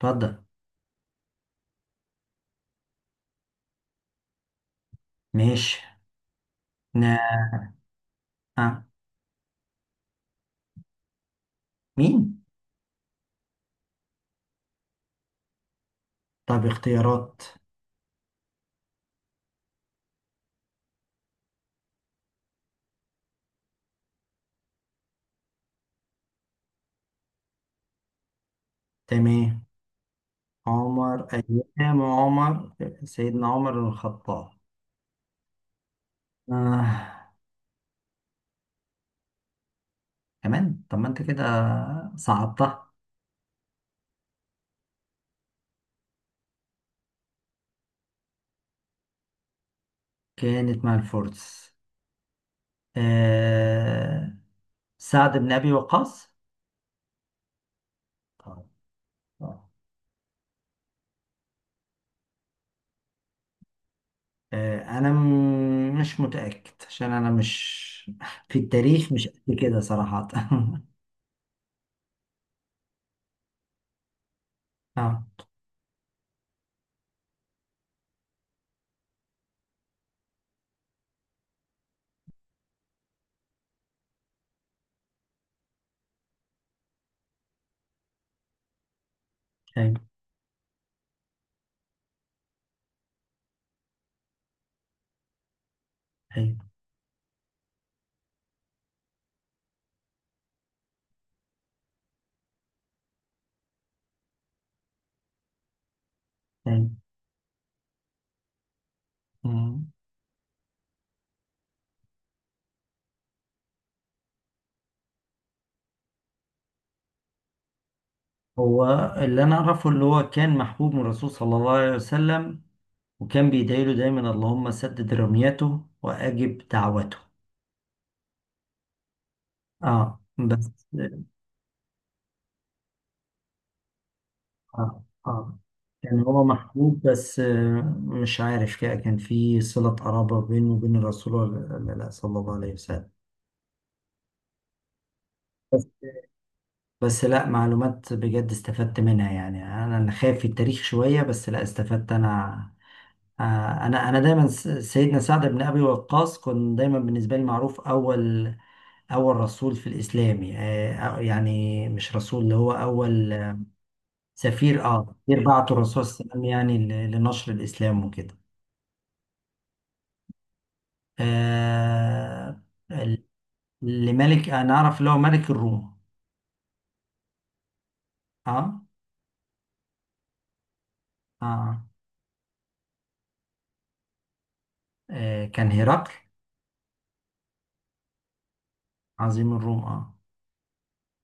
اتفضل. ماشي. نعم. مين؟ طب اختيارات. تمام. عمر أيام عمر. سيدنا عمر بن الخطاب. آه. كمان طب ما انت كده صعبتها. كانت مع الفرس. آه. سعد بن أبي وقاص. آه. آه. أنا مش متأكد عشان أنا مش في التاريخ مش قد كده صراحة اه. ايوه، ايوه، ايوه. هو اللي انا اعرفه اللي هو كان محبوب من الرسول صلى الله عليه وسلم، وكان بيدعي له دايما اللهم سدد رميته واجب دعوته. اه. بس. اه. اه. كان هو محبوب بس، مش عارف كده كان في صلة قرابة بينه وبين الرسول، ولا لا صلى الله عليه وسلم. بس بس لا، معلومات بجد استفدت منها يعني، انا اللي خايف في التاريخ شوية بس لا استفدت انا. آه، انا دايما سيدنا سعد بن ابي وقاص كان دايما بالنسبه لي معروف اول رسول في الاسلام، يعني مش رسول اللي هو اول سفير. اه، سفير بعته الرسول صلى الله عليه وسلم يعني لنشر الاسلام وكده. آه، ال- لملك انا اعرف اللي هو ملك الروم. اه. اه. كان هرقل عظيم الروم. اه.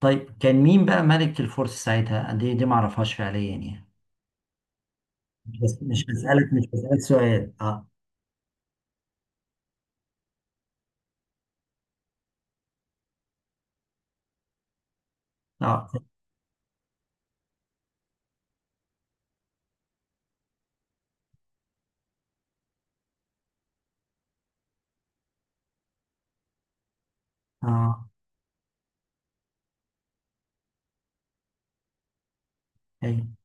طيب، كان مين بقى ملك الفرس ساعتها؟ دي ما اعرفهاش فعليا يعني. بس مش بسألك سؤال. اه. اه. اه. ايوه.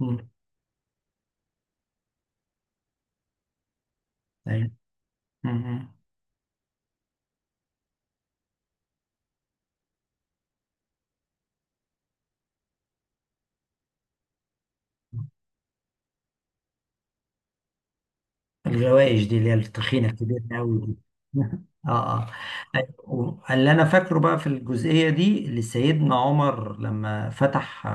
مم. ايوه. مم. الغوايش دي اللي هي التخينه الكبيره قوي دي. اه. اه. أيوة، اللي انا فاكره بقى في الجزئيه دي اللي سيدنا عمر لما فتح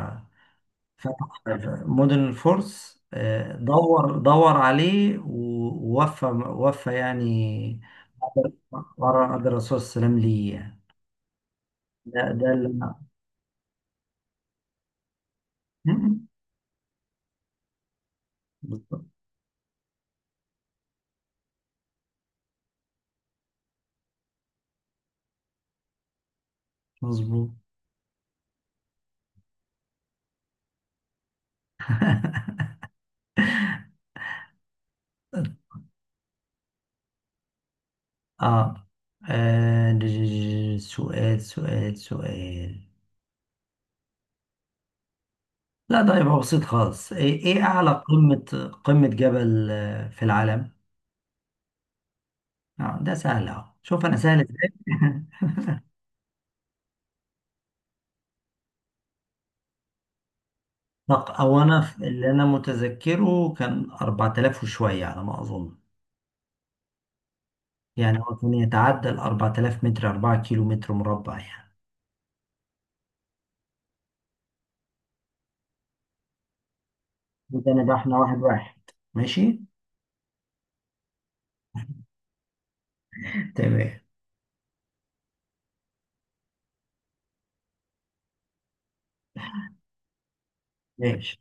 فتح مدن الفرس، دور عليه ووفى يعني ورا قدر الرسول صلى الله عليه وسلم ليه يعني. ده اللي انا. مم. بالظبط. مظبوط. اه. سؤال. لا، ده يبقى بسيط خالص، إيه اعلى قمة جبل في العالم؟ اه، ده سهل اهو، شوف انا سهل ازاي. او انا اللي انا متذكره كان 4000 وشوية على ما اظن. يعني هو كان يتعدى ال 4000 متر، 4 كيلو متر مربع يعني. ده انا بقى، احنا واحد واحد. ماشي. تمام. ماشي.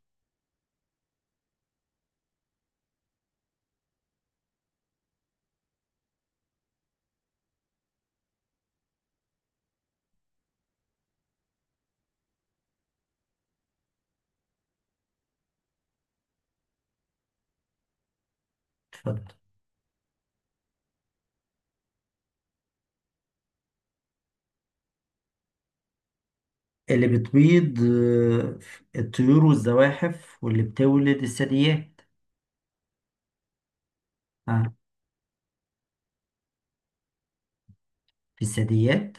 اتفضل. اللي بتبيض الطيور والزواحف، واللي بتولد الثدييات. ها؟ في الثدييات.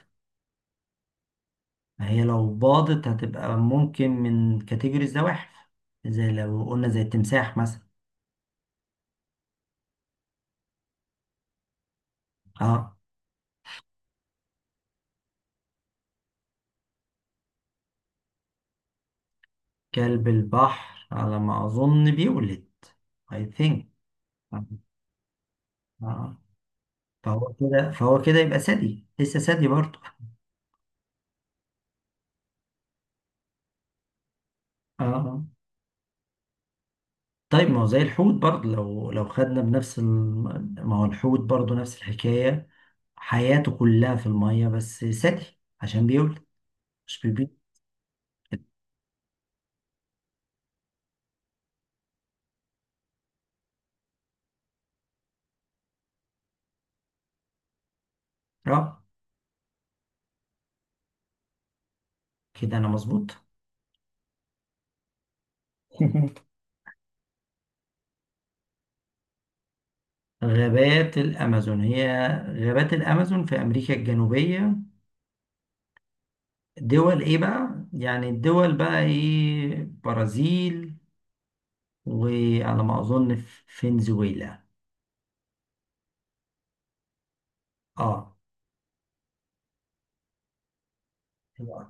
ما هي لو باضت هتبقى ممكن من كاتيجوري الزواحف، زي لو قلنا زي التمساح مثلا. اه، كلب البحر على ما أظن بيولد. I think. اه. آه. فهو كده يبقى ثدي، لسه ثدي برضه. اه، طيب ما هو زي الحوت برضه، لو خدنا بنفس ما هو الحوت برضه نفس الحكاية، حياته كلها في المية بس ثدي عشان بيولد، مش بيبيض. اه، كده انا مظبوط. غابات الأمازون، هي غابات الأمازون في أمريكا الجنوبية. دول إيه بقى؟ يعني الدول بقى إيه؟ برازيل، وعلى ما أظن فنزويلا. آه. على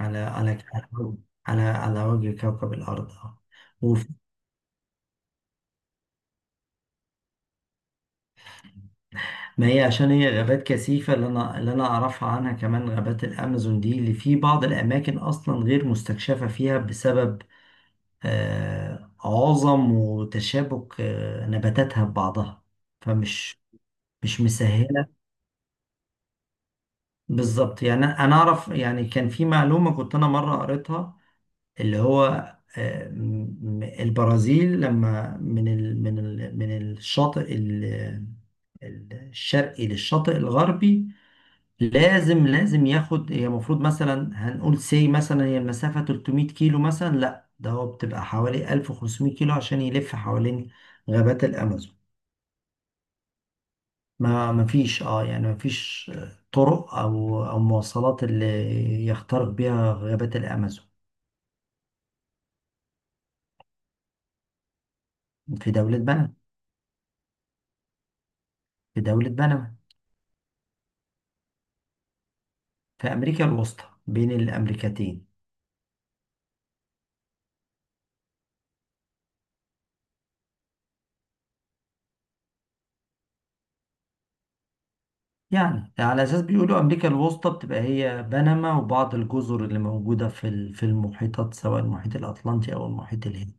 على على على وجه كوكب الأرض. آه. ما هي عشان هي غابات كثيفة، اللي أنا أعرفها عنها كمان غابات الأمازون دي، اللي في بعض الأماكن أصلا غير مستكشفة فيها بسبب عظم وتشابك نباتاتها ببعضها، فمش مش مسهلة. بالظبط يعني، أنا أعرف يعني كان في معلومة كنت أنا مرة قريتها، اللي هو البرازيل لما من الشاطئ الشرقي للشاطئ الغربي، لازم ياخد، هي المفروض مثلا هنقول سي مثلا، هي المسافة 300 كيلو مثلا، لا ده هو بتبقى حوالي 1500 كيلو عشان يلف حوالين غابات الأمازون. ما فيش اه يعني ما فيش طرق أو مواصلات اللي يخترق بيها غابات الأمازون. في دولة بنما. في دولة بنما. في أمريكا الوسطى بين الأمريكتين. يعني على اساس بيقولوا امريكا الوسطى بتبقى هي بنما وبعض الجزر اللي موجوده في المحيطات، سواء المحيط الاطلنطي او المحيط الهندي.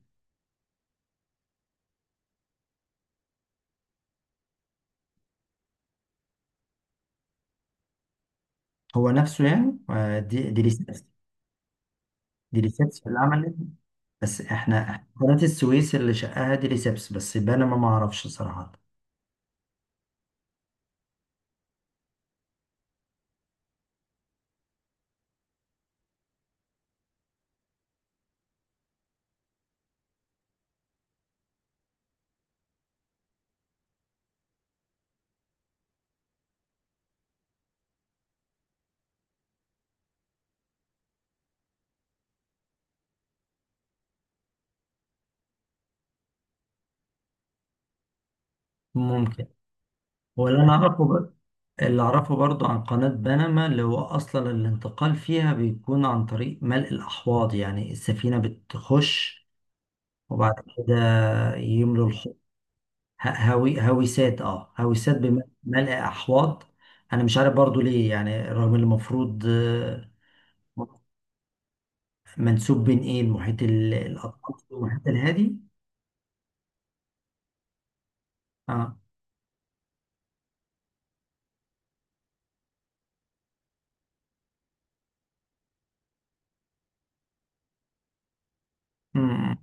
هو نفسه يعني، دي ريسبس. دي ريسبس اللي عملت، بس إحنا قناه السويس اللي شقها دي ريسبس، بس بنما ما اعرفش صراحه. ممكن. هو اللي اعرفه برضو عن قناه بنما، اللي هو اصلا الانتقال فيها بيكون عن طريق ملء الاحواض، يعني السفينه بتخش وبعد كده يملوا هويسات، بملء احواض. انا مش عارف برضو ليه يعني، رغم اللي المفروض منسوب بين ايه المحيط الاطلسي والمحيط الهادي. اه. امم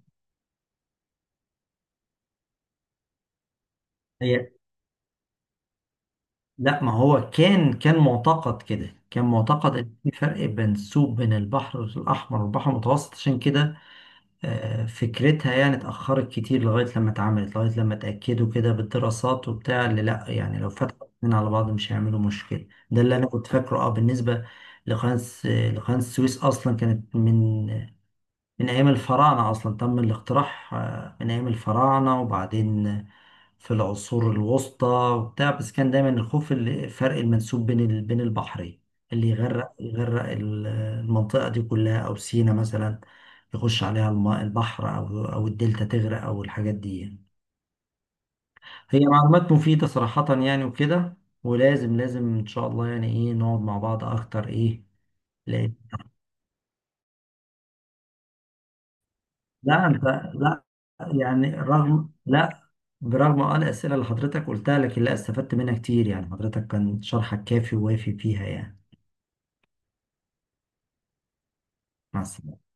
هي. لا، ما هو كان معتقد كده، كان معتقد ان في فرق منسوب بين البحر الاحمر والبحر المتوسط عشان كده، فكرتها يعني اتأخرت كتير لغاية لما اتعملت، لغاية لما اتأكدوا كده بالدراسات وبتاع، اللي لأ يعني لو فتحوا الاتنين على بعض مش هيعملوا مشكلة، ده اللي أنا كنت فاكره. اه. بالنسبة لقناة السويس، أصلا كانت من أيام الفراعنة، أصلا تم الاقتراح من أيام الفراعنة وبعدين في العصور الوسطى وبتاع، بس كان دايما الخوف، الفرق المنسوب بين بين البحرين، اللي يغرق المنطقة دي كلها أو سينا مثلا، يخش عليها الماء البحر أو الدلتا تغرق أو الحاجات دي يعني. هي معلومات مفيدة صراحة يعني وكده، ولازم إن شاء الله يعني إيه نقعد مع بعض أكتر إيه. لأن، لا أنت، لا يعني رغم، لا برغم اه الأسئلة اللي حضرتك قلتها لكن لا، استفدت منها كتير يعني، حضرتك كان شرحك كافي ووافي فيها يعني. مع السلامة.